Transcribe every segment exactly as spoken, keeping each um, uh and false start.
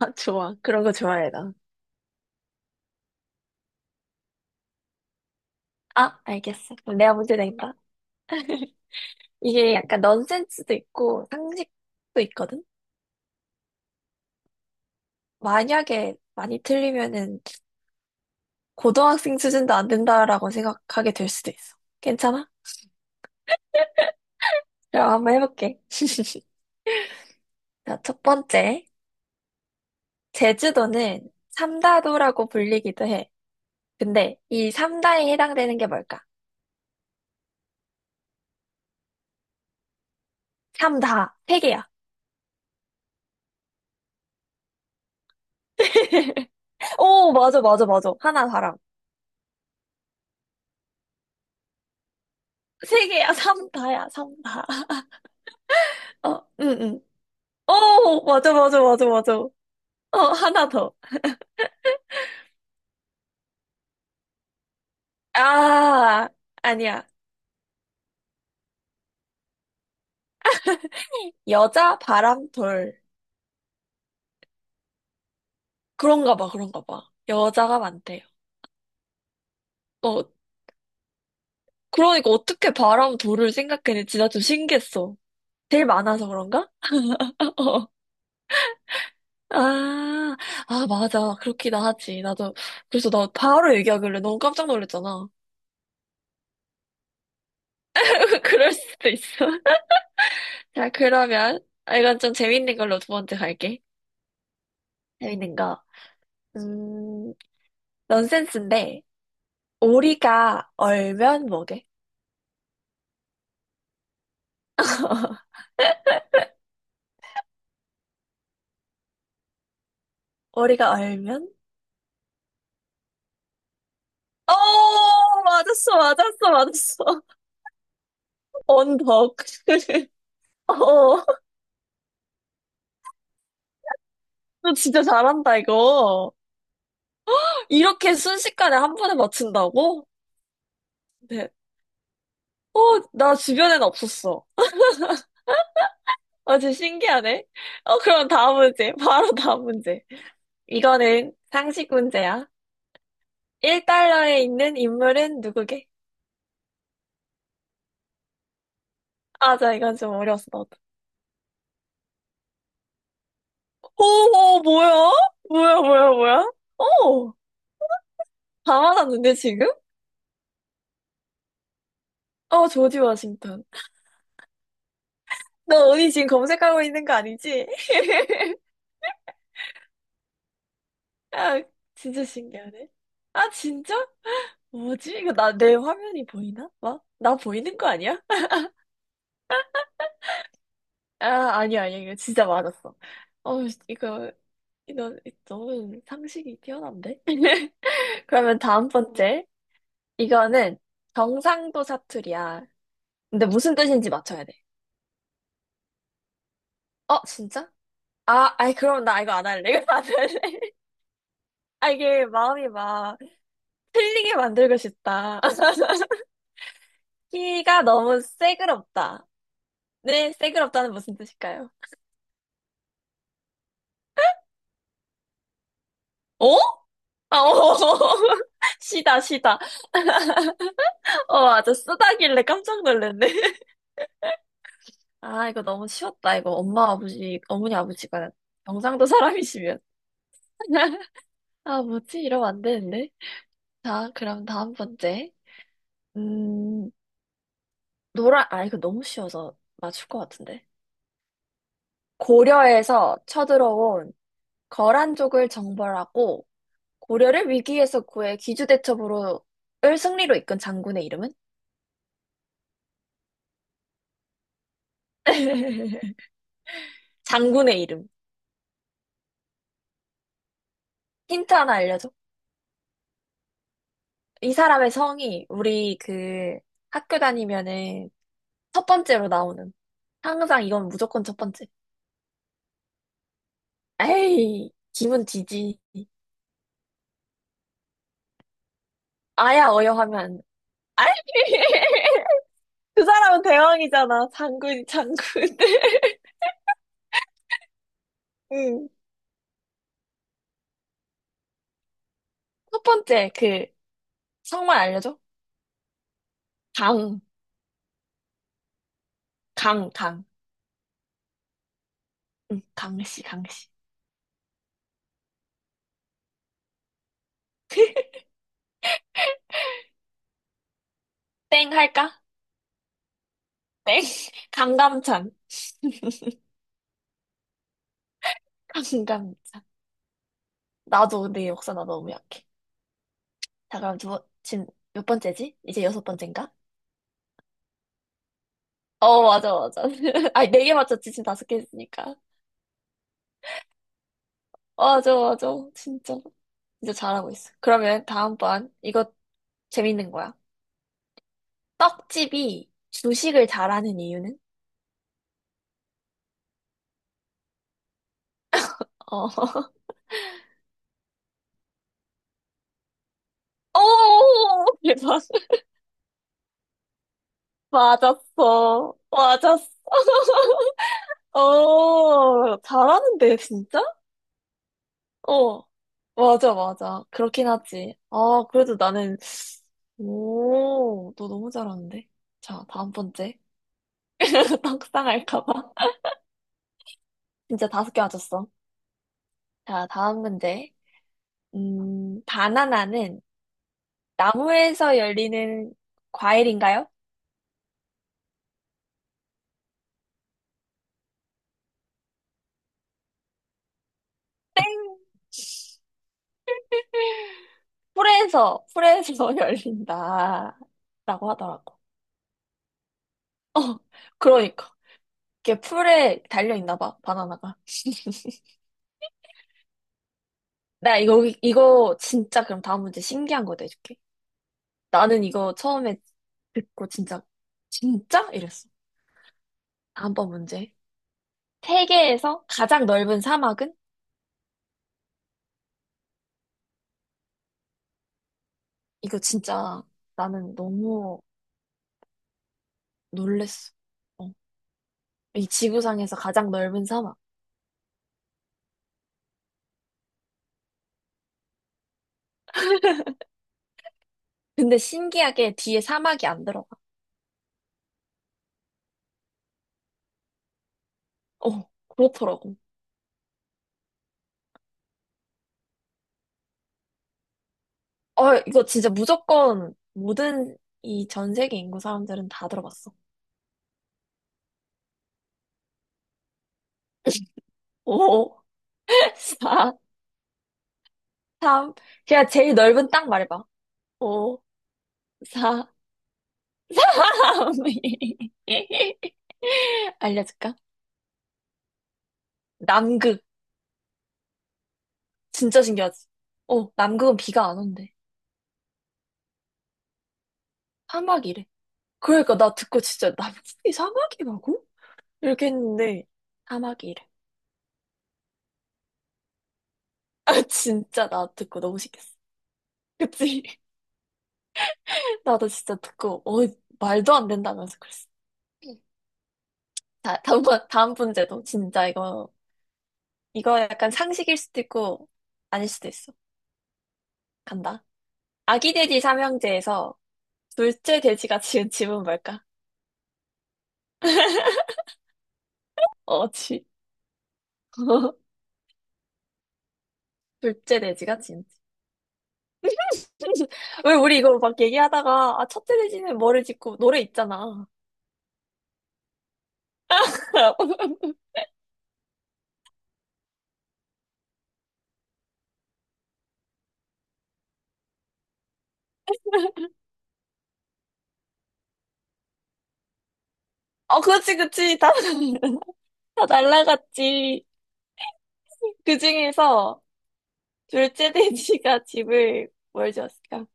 아, 좋아. 그런 거 좋아해, 나. 아, 알겠어. 그럼 내가 문제 낸다. 이게 약간 넌센스도 있고 상식도 있거든? 만약에 많이 틀리면은 고등학생 수준도 안 된다라고 생각하게 될 수도 있어. 괜찮아? 그럼 한번 해볼게. 자, 첫 번째. 제주도는 삼다도라고 불리기도 해. 근데 이 삼다에 해당되는 게 뭘까? 삼다. 세 개야. 오, 맞아, 맞아, 맞아. 하나 사람. 세 개야, 삼다야, 삼다. 어, 응, 응. 어, 맞아, 맞아, 맞아, 맞아. 어, 하나 더. 아, 아니야. 여자 바람돌. 그런가 봐, 그런가 봐. 여자가 많대요. 어, 그러니까 어떻게 바람돌을 생각했는지 나 좀 신기했어. 제일 많아서 그런가? 어. 아, 아, 맞아. 그렇기도 하지. 나도, 그래서 나 바로 얘기하길래 너무 깜짝 놀랐잖아. 그럴 수도 있어. 자, 그러면, 아, 이건 좀 재밌는 걸로 두 번째 갈게. 재밌는 거. 음, 넌센스인데, 오리가 얼면 뭐게? 오리가 얼면? 어, 맞았어, 맞았어, 맞았어. 언덕. 어, 너 진짜 잘한다, 이거. 이렇게 순식간에 한 번에 맞춘다고? 네. 어, 나 주변엔 없었어. 아, 진짜 신기하네. 어, 그럼 다음 문제. 바로 다음 문제. 이거는 상식 문제야. 일 달러에 있는 인물은 누구게? 아, 자, 이건 좀 어려웠어. 어, 어, 뭐야? 뭐야, 뭐야, 뭐야? 어, 다 맞았는데, 지금? 어, 조지 워싱턴. 너 어디 지금 검색하고 있는 거 아니지? 아, 진짜 신기하네. 아, 진짜? 뭐지? 이거 나, 내 화면이 보이나? 막? 나 보이는 거 아니야? 아, 아니야, 아니야. 이거 진짜 맞았어. 어, 이거, 이거 너무 상식이 뛰어난데? 그러면 다음 번째. 이거는 경상도 사투리야. 근데 무슨 뜻인지 맞춰야 돼. 어, 진짜? 아, 아이, 그럼 나 이거 안 할래. 이거 안 할래. 아, 이게 마음이 막 틀리게 만들고 싶다. 키가 너무 새그럽다. 네, 새그럽다는 무슨 뜻일까요? 어? 아, 어. 시다, 시다. 어, 맞아. 쓰다길래 깜짝 놀랐네. 아, 이거 너무 쉬웠다. 이거 엄마, 아버지, 어머니, 아버지가 경상도 사람이시면. 아, 뭐지? 이러면 안 되는데. 자, 그럼 다음 번째. 음, 노란, 아, 이거 너무 쉬워서 맞출 것 같은데. 고려에서 쳐들어온 거란족을 정벌하고 고려를 위기에서 구해 기주대첩으로을 승리로 이끈 장군의 이름은? 장군의 이름. 힌트 하나 알려줘. 이 사람의 성이 우리 그 학교 다니면은 첫 번째로 나오는. 항상 이건 무조건 첫 번째. 에이, 기분 뒤지. 아야 어여 하면. 아이, 그 사람은 대왕이잖아. 장군, 장군. 응. 첫 번째 그 성만 알려줘. 강, 강, 강. 응, 강씨, 강씨. 땡 할까? 땡. 강감찬. 강감찬. 나도 내 역사 나 너무 약해. 자, 그럼 두 번, 지금 몇 번째지? 이제 여섯 번째인가? 어, 맞아, 맞아. 아니, 네 개 맞췄지. 지금 다섯 개 했으니까. 맞아, 맞아. 진짜. 진짜 잘하고 있어. 그러면 다음번, 이거 재밌는 거야. 떡집이 주식을 잘하는 이유는? 어. 오, 대박. 맞았어. 맞았어. 어, 잘하는데, 진짜? 어, 맞아, 맞아. 그렇긴 하지. 아, 그래도 나는, 오, 너 너무 잘하는데? 자, 다음 번째. 떡상할까봐. 진짜 다섯 개 맞았어. 자, 다음 문제. 음, 바나나는 나무에서 열리는 과일인가요? 풀에서, 풀에서 열린다. 라고 하더라고. 어, 그러니까. 이게 풀에 달려 있나 봐, 바나나가. 나 이거, 이거 진짜 그럼 다음 문제 신기한 거 내줄게. 나는 이거 처음에 듣고 진짜, 진짜? 이랬어. 다음번 문제. 세계에서 가장 넓은 사막은? 이거 진짜 나는 너무 놀랬어. 어. 이 지구상에서 가장 넓은 사막. 근데 신기하게 뒤에 사막이 안 들어가. 어, 그렇더라고. 어, 이거 진짜 무조건 모든 이 전 세계 인구 사람들은 다 들어봤어. 오. 사, 삼. 그냥 제일 넓은 땅 말해봐. 오, 사, 삼. 알려줄까? 남극. 진짜 신기하지? 어, 남극은 비가 안 온대. 사막이래. 그러니까 나 듣고 진짜 남극이 사막이라고? 이렇게 했는데, 사막이래. 아, 진짜 나 듣고 너무 신기했어. 그치? 나도 진짜 듣고, 어, 말도 안 된다면서 그랬어. 자, 다음, 문- 다음 문제도 진짜 이거, 이거 약간 상식일 수도 있고, 아닐 수도 있어. 간다. 아기 돼지 삼형제에서 둘째 돼지가 지은 집은 뭘까? 어, 지. 둘째 돼지가 지은 집. 왜 우리 이거 막 얘기하다가, 아, 첫째 돼지는 뭐를 짓고, 노래 있잖아. 어, 그렇지, 그렇지. 다, 다 날라갔지. 그 중에서 둘째 돼지가 집을 뭘 지었을까?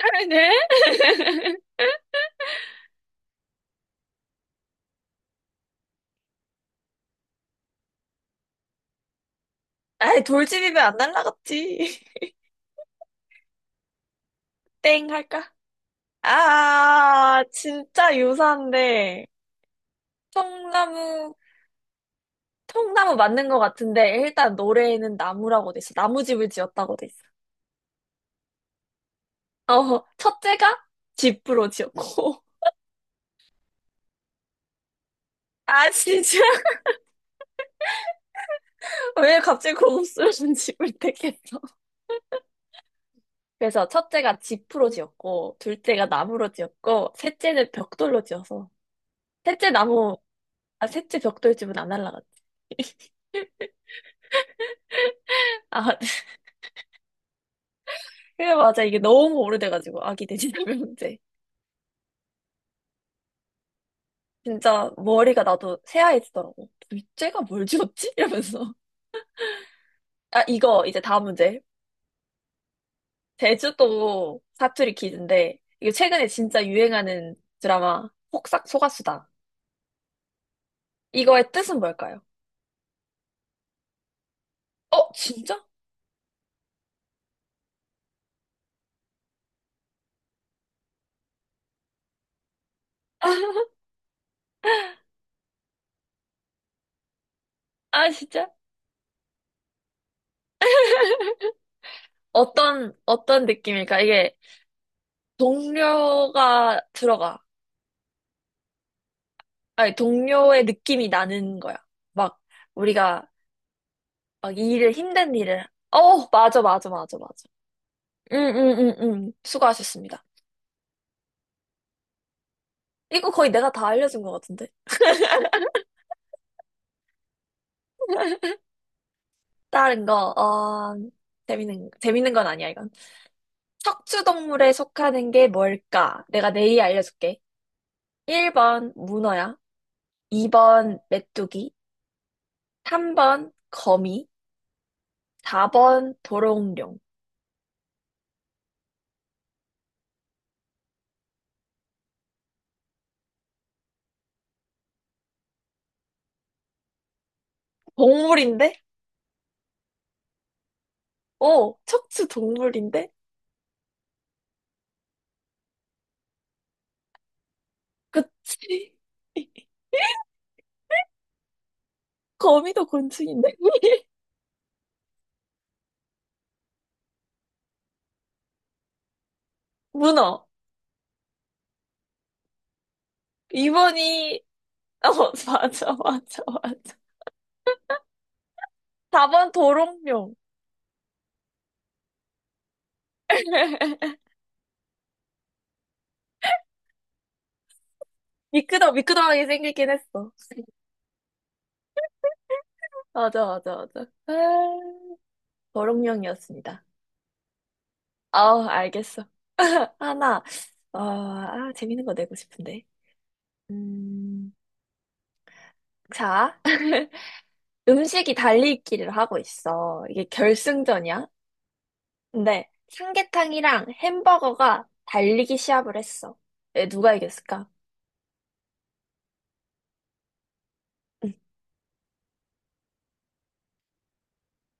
네? 아이, 돌집이면 안 날라갔지. 땡 할까? 아, 진짜 유사한데. 청나무 통나무 맞는 것 같은데 일단 노래에는 나무라고 돼 있어. 나무집을 지었다고 돼 있어. 어, 첫째가 집으로 지었고. 아, 진짜? 왜 갑자기 고급스러운 집을 택했어? 그래서 첫째가 집으로 지었고, 둘째가 나무로 지었고, 셋째는 벽돌로 지어서. 셋째 나무, 아, 셋째 벽돌집은 안 날라갔다. 아, 그래, 맞아. 이게 너무 오래돼가지고, 아기 돼지나무 문제. 진짜 머리가 나도 새하얘지더라고. 둘째가 뭘 지었지? 이러면서. 아, 이거 이제 다음 문제 제주도 사투리 퀴즈인데, 이거 최근에 진짜 유행하는 드라마, 폭싹 속았수다. 이거의 뜻은 뭘까요? 어, 진짜? 아, 진짜? 어떤, 어떤 느낌일까? 이게, 동료가 들어가. 아니, 동료의 느낌이 나는 거야. 막, 우리가, 막, 이 일을, 힘든 일을. 어, 맞아, 맞아, 맞아, 맞아. 응, 응, 응, 응. 수고하셨습니다. 이거 거의 내가 다 알려준 것 같은데. 다른 거, 어, 재밌는, 재밌는 건 아니야, 이건. 척추동물에 속하는 게 뭘까? 내가 내일 알려줄게. 일 번 문어야. 이 번 메뚜기. 삼 번 거미. 사 번 도롱뇽. 동물인데? 어, 척추 동물인데? 그치? 거미도 곤충인데? 문어. 이 번이, 어, 맞아, 맞아, 맞아. 사 번 도롱뇽. 미끄덩, 미끄덩하게 생기긴 했어. 맞아, 맞아, 맞아. 아, 도롱뇽이었습니다. 아, 알겠어. 하나. 어, 아, 재밌는 거 내고 싶은데. 음, 자, 음식이 달리기를 하고 있어. 이게 결승전이야. 근데 삼계탕이랑 햄버거가 달리기 시합을 했어. 에, 누가 이겼을까?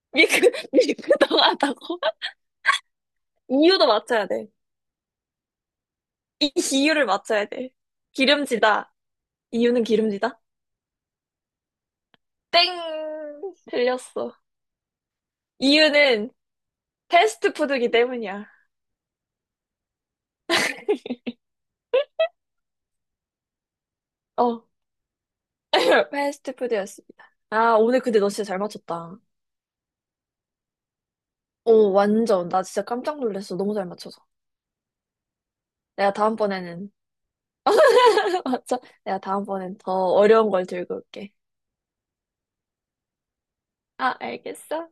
미크미크덩하다고 이유도 맞춰야 돼. 이 이유를 맞춰야 돼. 기름지다. 이유는 기름지다? 땡! 틀렸어. 이유는 패스트푸드기 때문이야. 어. 패스트푸드였습니다. 아, 오늘 근데 너 진짜 잘 맞췄다. 오, 완전. 나 진짜 깜짝 놀랐어. 너무 잘 맞춰서. 내가 다음번에는, 맞춰 내가 다음번엔 더 어려운 걸 들고 올게. 아, 알겠어.